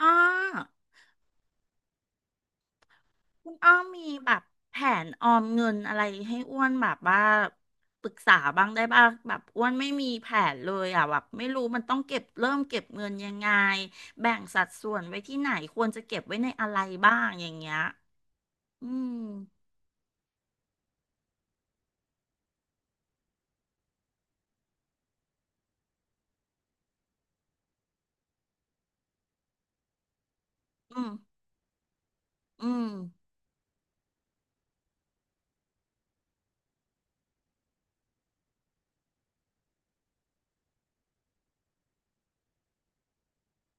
อ้อคุณอ้อมมีแบบแผนออมเงินอะไรให้อ้วนแบบว่าปรึกษาบ้างได้บ้างแบบอ้วนไม่มีแผนเลยอ่ะแบบไม่รู้มันต้องเก็บเริ่มเก็บเงินยังไงแบ่งสัดส่วนไว้ที่ไหนควรจะเก็บไว้ในอะไรบ้างอย่างเงี้ยอืมอืมอืม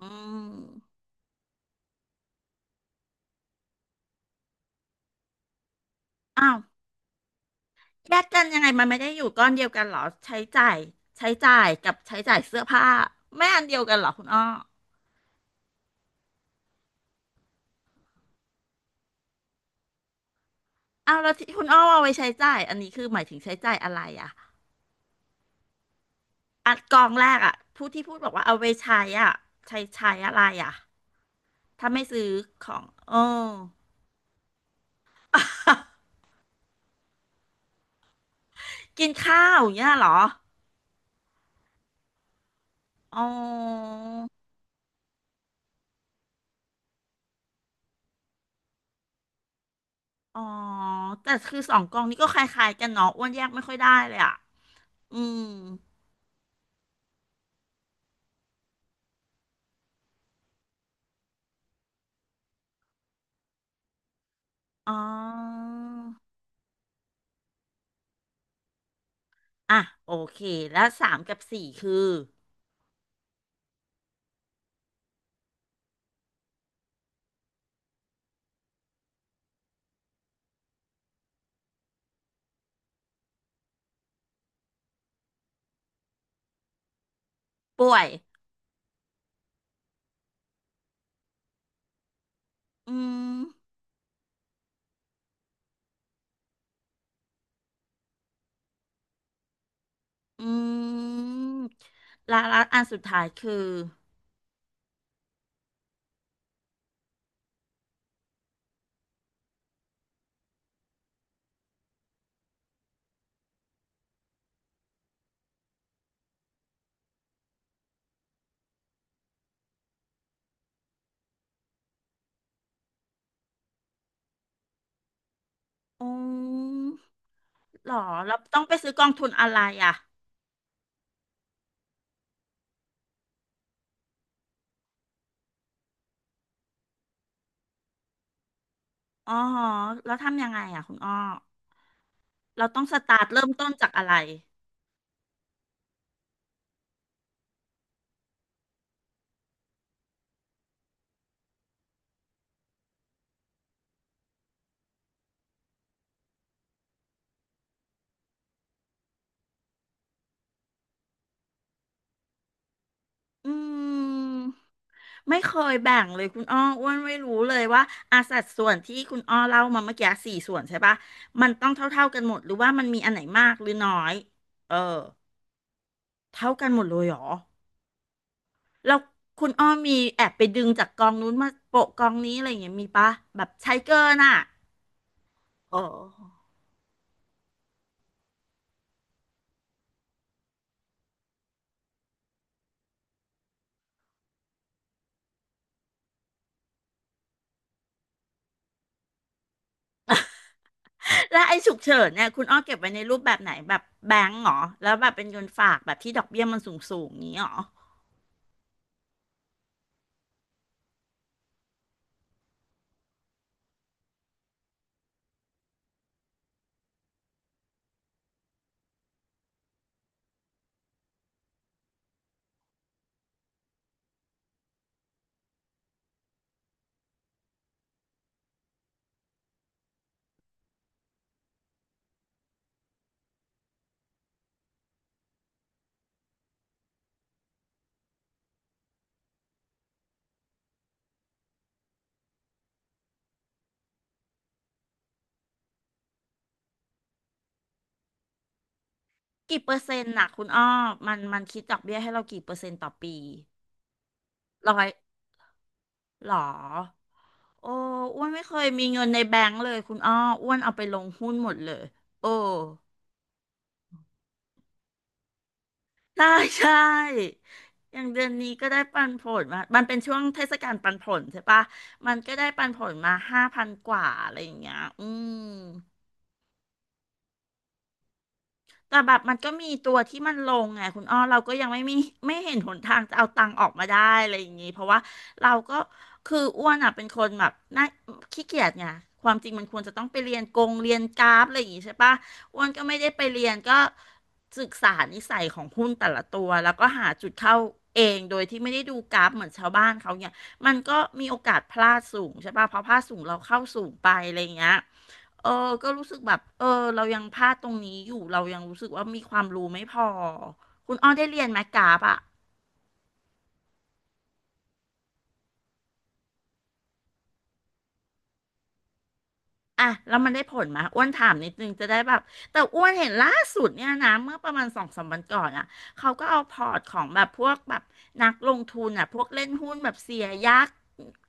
อืมอ้าวแยกกันยังไงมันไม่ได้อยู่ก้อนเดียวกันเหรอใช้จ่ายใช้จ่ายกับใช้จ่ายเสื้อผ้าไม่อันเดียวกันเหรอคุณอ้ออ้าวแล้วที่คุณอ้อเอาไว้ใช้จ่ายอันนี้คือหมายถึงใช้จ่ายอะไรอ่ะ อัดกองแรกอ่ะผู้ที่พูดบอกว่าเอาไปใช้อ่ะใช้อะไรอ่ะถ้าไม่ซื้อของเออ กินข้าวอย่างเงี้ยเหรออ๋ออ๋อแต่คือสองกองนี้ก็คล้ายๆกันเนาะอ้วนแยกไม่ค่อยได้เลยอ่ะอืมอ๋ออ่ะโอเคแล้วสามกับสี่คือป่วยอืมอืมและอันสุดท้ายคืออืมหรอแล้วต้องไปซื้อกองทุนอะไรอ่ะ อ๋อฮะแล้วทำยังไงอ่ะคุณอ้อเราต้องสตาร์ทเริ่มต้นจากอะไรอืมไม่เคยแบ่งเลยคุณอ้ออ้วนไม่รู้เลยว่าอาสัดส่วนที่คุณอ้อเล่ามาเมื่อกี้สี่ส่วนใช่ปะมันต้องเท่าๆกันหมดหรือว่ามันมีอันไหนมากหรือน้อยเออเท่ากันหมดเลยเหรอแล้วคุณอ้อมีแอบไปดึงจากกองนู้นมาโปะกองนี้อะไรอย่างเงี้ยมีปะแบบใช้เกินอ่ะเออ แล้วไอ้ฉุกเฉินเนี่ยคุณอ้อเก็บไว้ในรูปแบบไหนแบบแบงก์เหรอแล้วแบบเป็นเงินฝากแบบที่ดอกเบี้ยมันสูงนี้เหรอกี่เปอร์เซ็นต์น่ะคุณอ้อมันคิดดอกเบี้ยให้เรากี่เปอร์เซ็นต์ต่อปีร้อยหรอโอ้อ้วนไม่เคยมีเงินในแบงก์เลยคุณอ้ออ้วนเอาไปลงหุ้นหมดเลยโอ้ใช่ใช่อย่างเดือนนี้ก็ได้ปันผลมามันเป็นช่วงเทศกาลปันผลใช่ปะมันก็ได้ปันผลมาห้าพันกว่าอะไรอย่างเงี้ยอืม แต่แบบมันก็มีตัวที่มันลงไงคุณอ้อเราก็ยังไม่มี ไม่เห็นหนทางจะเอาตังค์ออกมาได้อะไรอย่างงี้เพราะว่าเราก็คืออ้วนอ่ะเป็นคนแบบน่าขี้เกียจไงความจริงมันควรจะต้องไปเรียนกงเรียนกราฟอะไรอย่างงี้ใช่ปะอ้วนก็ไม่ได้ไปเรียนก็ศึกษานิสัยของหุ้นแต่ละตัวแล้วก็หาจุดเข้าเองโดยที่ไม่ได้ดูกราฟเหมือนชาวบ้านเขาเนี่ยมันก็มีโอกาสพลาดสูงใช่ปะเพราะพลาดสูงเราเข้าสูงไปอะไรอย่างเงี้ย เออก็รู้สึกแบบเออเรายังพลาดตรงนี้อยู่เรายังรู้สึกว่ามีความรู้ไม่พอคุณอ้อได้เรียนไหมกราฟอะ อ่ะแล้วมันได้ผลไหมอ้วนถามนิดนึงจะได้แบบแต่อ้วนเห็นล่าสุดเนี่ยนะเมื่อประมาณสองสามวันก่อนอ่ะเขาก็เอาพอร์ตของแบบพวกแบบนักลงทุนอ่ะพวกเล่นหุ้นแบบเสียยักษ์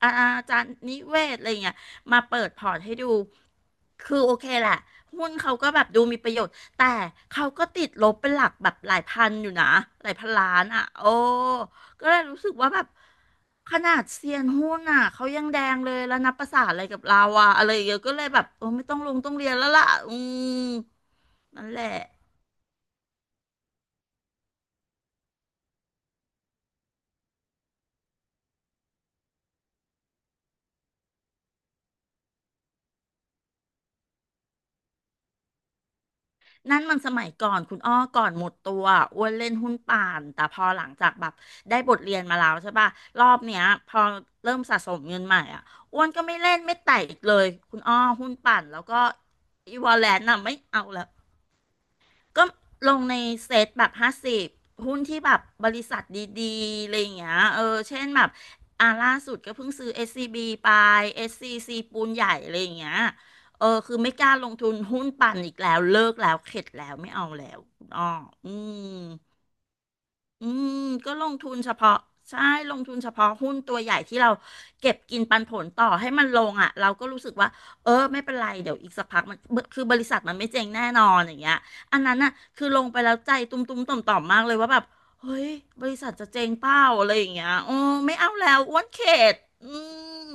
อาอาจารย์นิเวศอะไรเงี้ยมาเปิดพอร์ตให้ดูคือโอเคแหละหุ้นเขาก็แบบดูมีประโยชน์แต่เขาก็ติดลบเป็นหลักแบบหลายพันอยู่นะหลายพันล้านอ่ะโอ้ ก็เลยรู้สึกว่าแบบขนาดเซียนหุ้นอ่ะเขายังแดงเลยแล้วนับประสาอะไรกับเราอ่ะอะไรอย่างเงี้ยก็เลยแบบโอ้ไม่ต้องลงต้องเรียนแล้วล่ะอืมนั่นแหละนั่นมันสมัยก่อนคุณอ้อก่อนหมดตัวอ้วนเล่นหุ้นป่านแต่พอหลังจากแบบได้บทเรียนมาแล้วใช่ป่ะรอบเนี้ยพอเริ่มสะสมเงินใหม่อ่ะอ้วนก็ไม่เล่นไม่แตะอีกเลยคุณอ้อหุ้นป่านแล้วก็อีวอลเลนน่ะไม่เอาแล้ว ก็ลงในเซ็ตแบบ50หุ้นที่แบบบริษัทดีๆอะไรอย่างเงี้ยเออเช่นแบบอ่าล่าสุดก็เพิ่งซื้อเอสซีบีไปเอสซีซีปูนใหญ่อะไรอย่างเงี้ยเออคือไม่กล้าลงทุนหุ้นปั่นอีกแล้วเลิกแล้วเข็ดแล้วไม่เอาแล้วคุณอ้ออืม อืมก็ลงทุนเฉพาะใช่ลงทุนเฉพาะหุ้นตัวใหญ่ที่เราเก็บกินปันผลต่อให้มันลงอ่ะเราก็รู้สึกว่าเออไม่เป็นไรเดี๋ยวอีกสักพักมันคือบริษัทมันไม่เจ๊งแน่นอนอย่างเงี้ยอันนั้นน่ะคือลงไปแล้วใจตุ้มตุ้มต่อมต่อมๆมากเลยว่าแบบเฮ้ยบริษัทจะเจ๊งเปล่าอะไรอย่างเงี้ยโอ้ไม่เอาแล้วอ้วนเข็ดอืม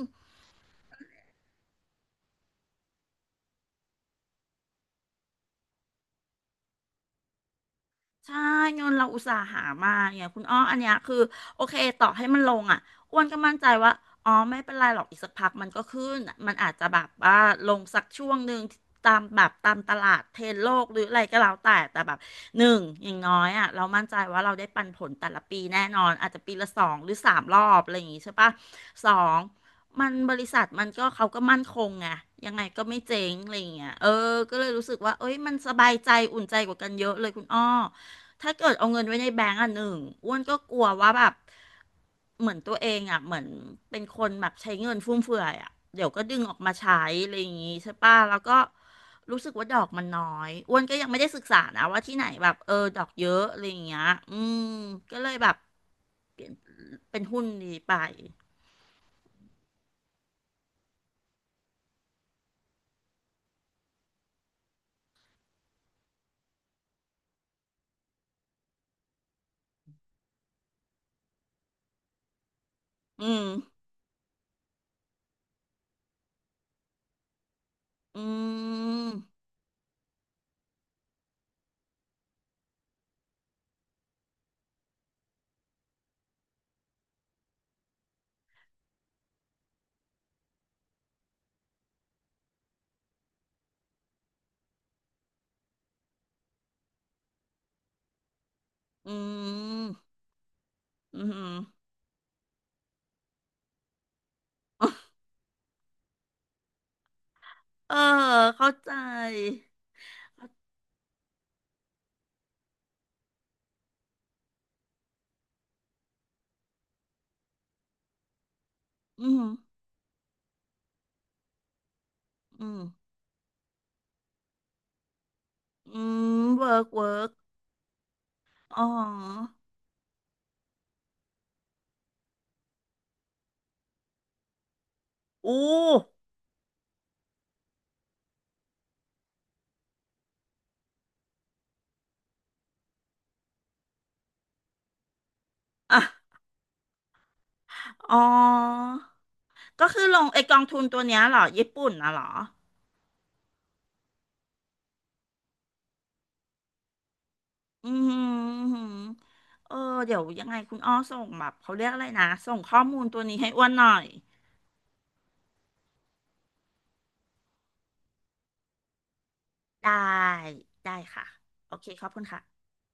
ใช่เงินเราอุตส่าห์หามาเนี่ยคุณอ้ออันเนี้ยคือโอเคต่อให้มันลงอ่ะอ้วนก็มั่นใจว่าอ๋อไม่เป็นไรหรอกอีกสักพักมันก็ขึ้นมันอาจจะแบบว่าลงสักช่วงหนึ่งตามแบบตามตลาดเทรนด์โลกหรืออะไรก็แล้วแต่แต่แบบหนึ่งอย่างน้อยอ่ะเรามั่นใจว่าเราได้ปันผลแต่ละปีแน่นอนอาจจะปีละ2 หรือ 3 รอบอะไรอย่างงี้ใช่ปะสองมันบริษัทมันก็เขาก็มั่นคงไงยังไงก็ไม่เจ๊งอะไรอย่างเงี้ยเออก็เลยรู้สึกว่าเอ้ยมันสบายใจอุ่นใจกว่ากันเยอะเลยคุณอ้อ ถ้าเกิดเอาเงินไว้ในแบงก์อ่ะหนึ่งอ้วนก็กลัวว่าแบบเหมือนตัวเองอ่ะเหมือนเป็นคนแบบใช้เงินฟุ่มเฟือยอ่ะเดี๋ยวก็ดึงออกมาใช้อะไรอย่างงี้ใช่ป่ะแล้วก็รู้สึกว่าดอกมันน้อยอ้วนก็ยังไม่ได้ศึกษานะว่าที่ไหนแบบเออดอกเยอะอะไรอย่างเงี้ยอืมก็เลยแบบเปลี่ยนเป็นหุ้นดีไปอืมอืมอืมอืมเออเข้าใจอืมอืมอืมเวิร์กเวิร์กอ๋อ อู้อ่ะอ๋อ ก็คือลงไอกองทุนตัวเนี้ยเหรอญี่ปุ่นน่ะเหรอ อืมืมหืมเออเดี๋ยวยังไงคุณอ้อส่งแบบเขาเรียกอะไรนะส่งข้อมูลตัวนี้ให้อ้วนหน่อยได้ได้ค่ะโอเคขอบคุณค่ะ